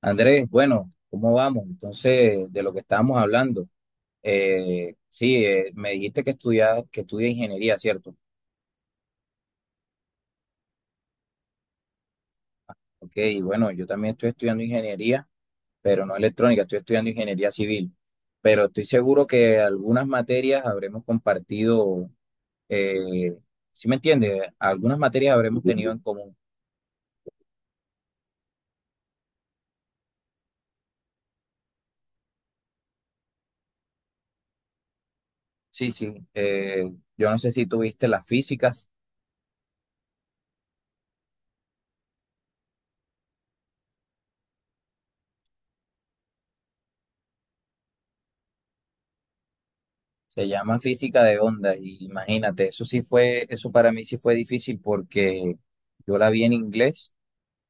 Andrés, bueno, ¿cómo vamos? Entonces, de lo que estábamos hablando, sí, me dijiste que estudias, que estudia ingeniería, ¿cierto? Ok, y bueno, yo también estoy estudiando ingeniería, pero no electrónica, estoy estudiando ingeniería civil. Pero estoy seguro que algunas materias habremos compartido. eh, ¿Sí me entiendes? Algunas materias habremos tenido en común. Sí, sí. Yo no sé si tuviste las físicas. Se llama física de ondas y imagínate, eso sí fue, eso para mí sí fue difícil porque yo la vi en inglés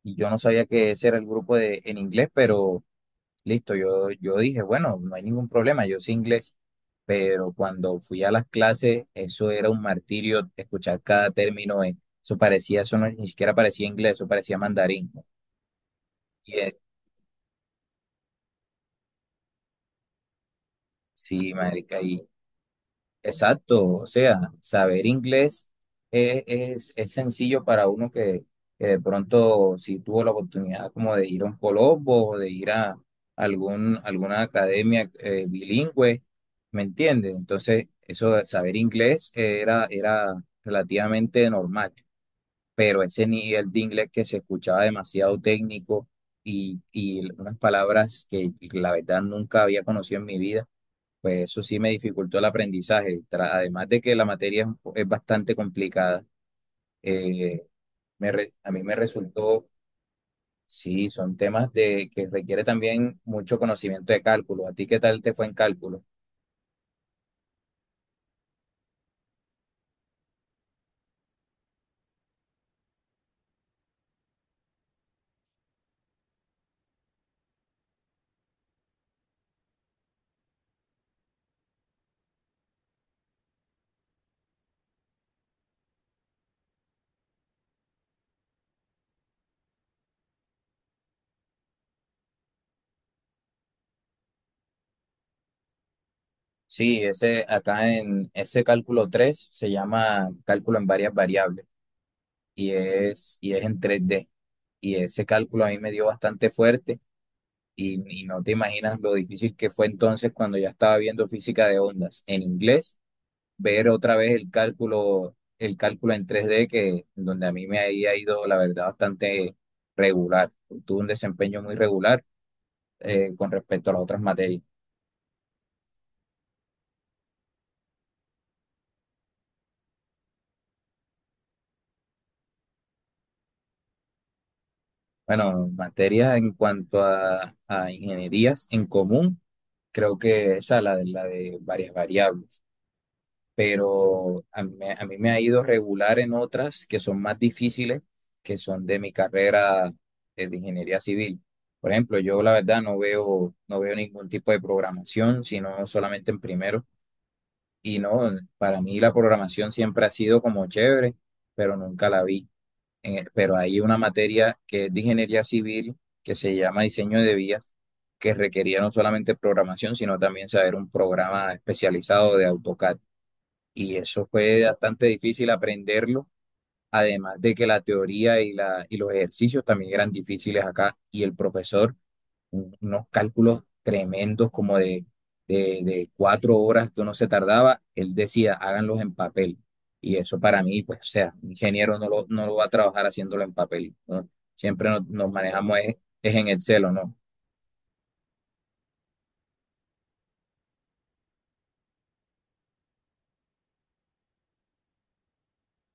y yo no sabía que ese era el grupo de en inglés, pero listo, yo dije, bueno, no hay ningún problema, yo sé inglés, pero cuando fui a las clases, eso era un martirio escuchar cada término, eso parecía, eso no- ni siquiera parecía inglés, eso parecía mandarín. Y, eh, sí, marica. Exacto, o sea, saber inglés es sencillo para uno que de pronto si tuvo la oportunidad como de ir a un Colombo o de ir a alguna academia bilingüe, ¿me entiendes? Entonces, eso de saber inglés era relativamente normal, pero ese nivel de inglés que se escuchaba demasiado técnico y unas palabras que la verdad nunca había conocido en mi vida pues eso sí me dificultó el aprendizaje. Además de que la materia es, es bastante complicada. eh, a mí me resultó, sí, son temas de que requiere también mucho conocimiento de cálculo. ¿A ti qué tal te fue en cálculo? Sí, ese acá en ese cálculo 3 se llama cálculo en varias variables y es en tres d. Y ese cálculo a mí me dio bastante fuerte y no te imaginas lo difícil que fue entonces cuando ya estaba viendo física de ondas en inglés, ver otra vez el cálculo en tres d, que donde a mí me había ido, la verdad, bastante regular. Tuve un desempeño muy regular con respecto a las otras materias. Bueno, materias en cuanto a ingenierías en común, creo que esa, la de varias variables. Pero a mí me ha ido regular en otras que son más difíciles, que son de mi carrera, de ingeniería civil. Por ejemplo, yo la verdad no veo, no veo ningún tipo de programación, sino solamente en primero. Y no, para mí la programación siempre ha sido como chévere, pero nunca la vi. Pero hay una materia que es de ingeniería civil, que se llama diseño de vías, que requería no solamente programación, sino también saber un programa especializado de AutoCAD y eso fue bastante difícil aprenderlo, además de que la teoría y los ejercicios también eran difíciles acá y el profesor, unos cálculos tremendos como de cuatro horas que uno se tardaba, él decía, háganlos en papel. Y eso para mí, pues, o sea, un ingeniero no lo va a trabajar haciéndolo en papel, ¿no? Siempre nos manejamos es en Excel, ¿o no?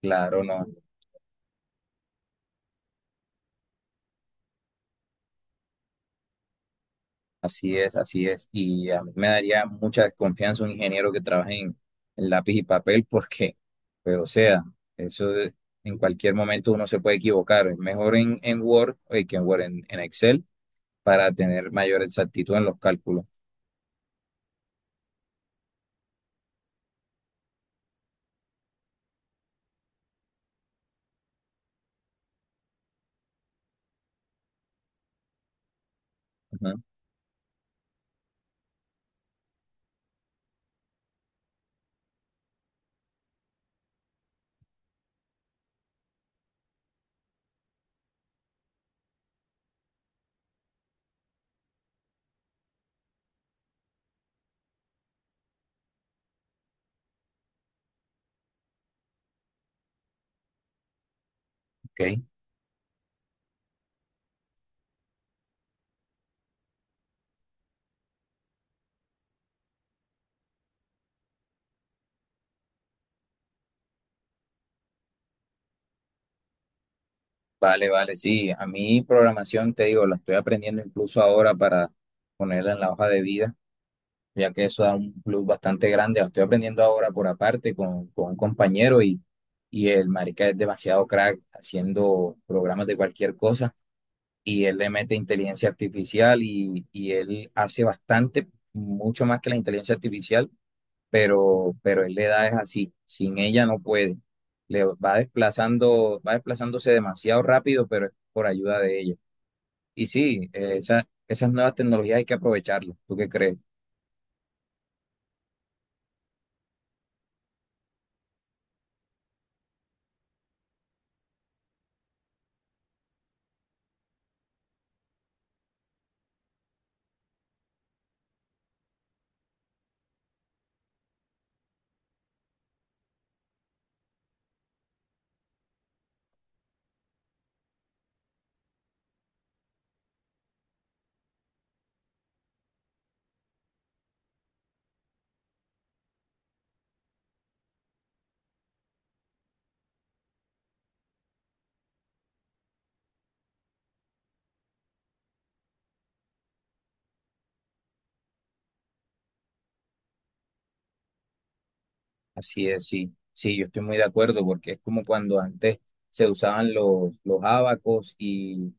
Claro, no. Así es, así es. Y a mí me daría mucha desconfianza un ingeniero que trabaje en lápiz y papel porque, pues, o sea, eso es- en cualquier momento uno se puede equivocar. Es mejor en Word, que en Word, en Excel, para tener mayor exactitud en los cálculos. Ujú, ok. Vale, vale, sí. A mí programación, te digo, la estoy aprendiendo incluso ahora para ponerla en la hoja de vida, ya que eso da un plus bastante grande. Lo estoy aprendiendo ahora por aparte con un compañero y el marica es demasiado crack haciendo programas de cualquier cosa y él le mete inteligencia artificial y él hace bastante, mucho más que la inteligencia artificial, pero él le da es así, sin ella no puede. Le va desplazando, va desplazándose demasiado rápido, pero es por ayuda de ella. Y sí, esas nuevas tecnologías hay que aprovecharlas. ¿Tú qué crees? Así es, sí, sí, yo estoy muy de acuerdo porque es como cuando antes se usaban los abacos y,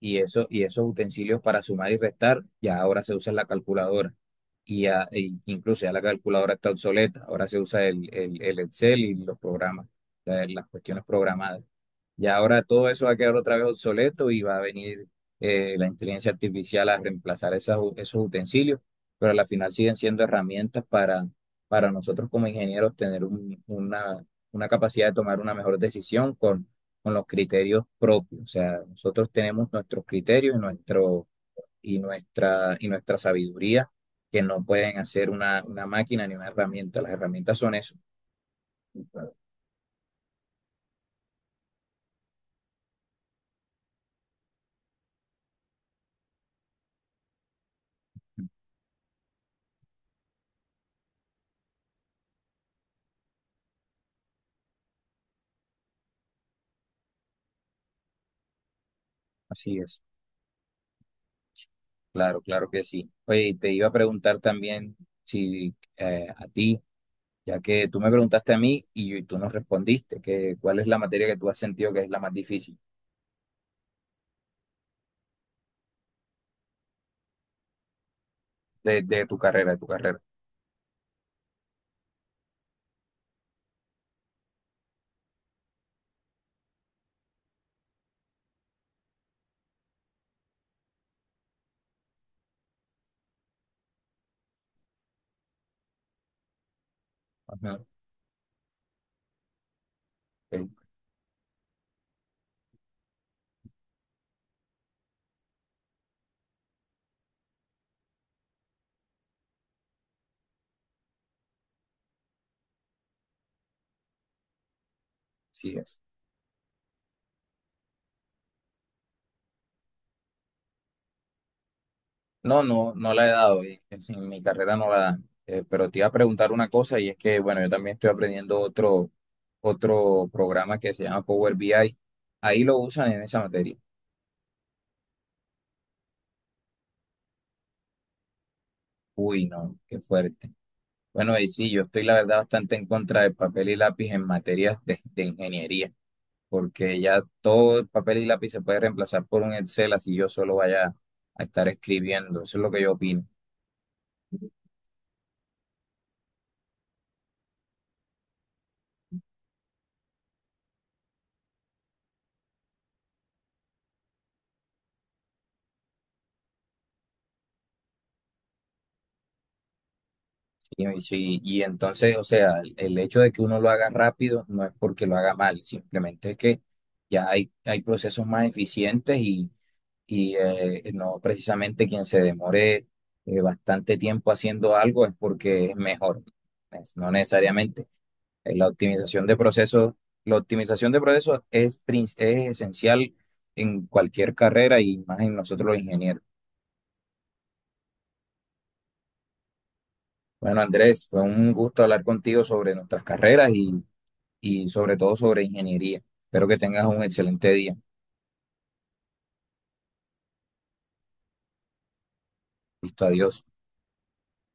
y, eso, y esos utensilios para sumar y restar, ya ahora se usa la calculadora y ya, e incluso ya la calculadora está obsoleta, ahora se usa el Excel y los programas, las cuestiones programadas. Ya ahora todo eso va a quedar otra vez obsoleto y va a venir la inteligencia artificial a reemplazar esos utensilios, pero al final siguen siendo herramientas para nosotros como ingenieros tener una capacidad de tomar una mejor decisión con los criterios propios. O sea, nosotros tenemos nuestros criterios y nuestra sabiduría que no pueden hacer una máquina ni una herramienta. Las herramientas son eso. Así es. Claro, claro que sí. Oye, y te iba a preguntar también si a ti, ya que tú me preguntaste a mí y tú no respondiste, que, ¿cuál es la materia que tú has sentido que es la más difícil de tu carrera, de tu carrera? Ajá. Ok, sí es. No, no, no la he dado, y es en mi carrera no la dan. Pero te iba a preguntar una cosa y es que, bueno, yo también estoy aprendiendo otro programa que se llama Power BI. Ahí lo usan en esa materia. Uy, no, qué fuerte. Bueno, y sí, yo estoy la verdad bastante en contra de papel y lápiz en materias de ingeniería, porque ya todo el papel y lápiz se puede reemplazar por un Excel, así yo solo vaya a estar escribiendo. Eso es lo que yo opino. Y sí, y entonces, o sea, el hecho de que uno lo haga rápido no es porque lo haga mal, simplemente es que ya hay procesos más eficientes no precisamente quien se demore bastante tiempo haciendo algo es porque es mejor, no necesariamente. La optimización de procesos, la optimización de procesos es, es esencial en cualquier carrera y más en nosotros los ingenieros. Bueno, Andrés, fue un gusto hablar contigo sobre nuestras carreras y sobre todo sobre ingeniería. Espero que tengas un excelente día. Listo, adiós.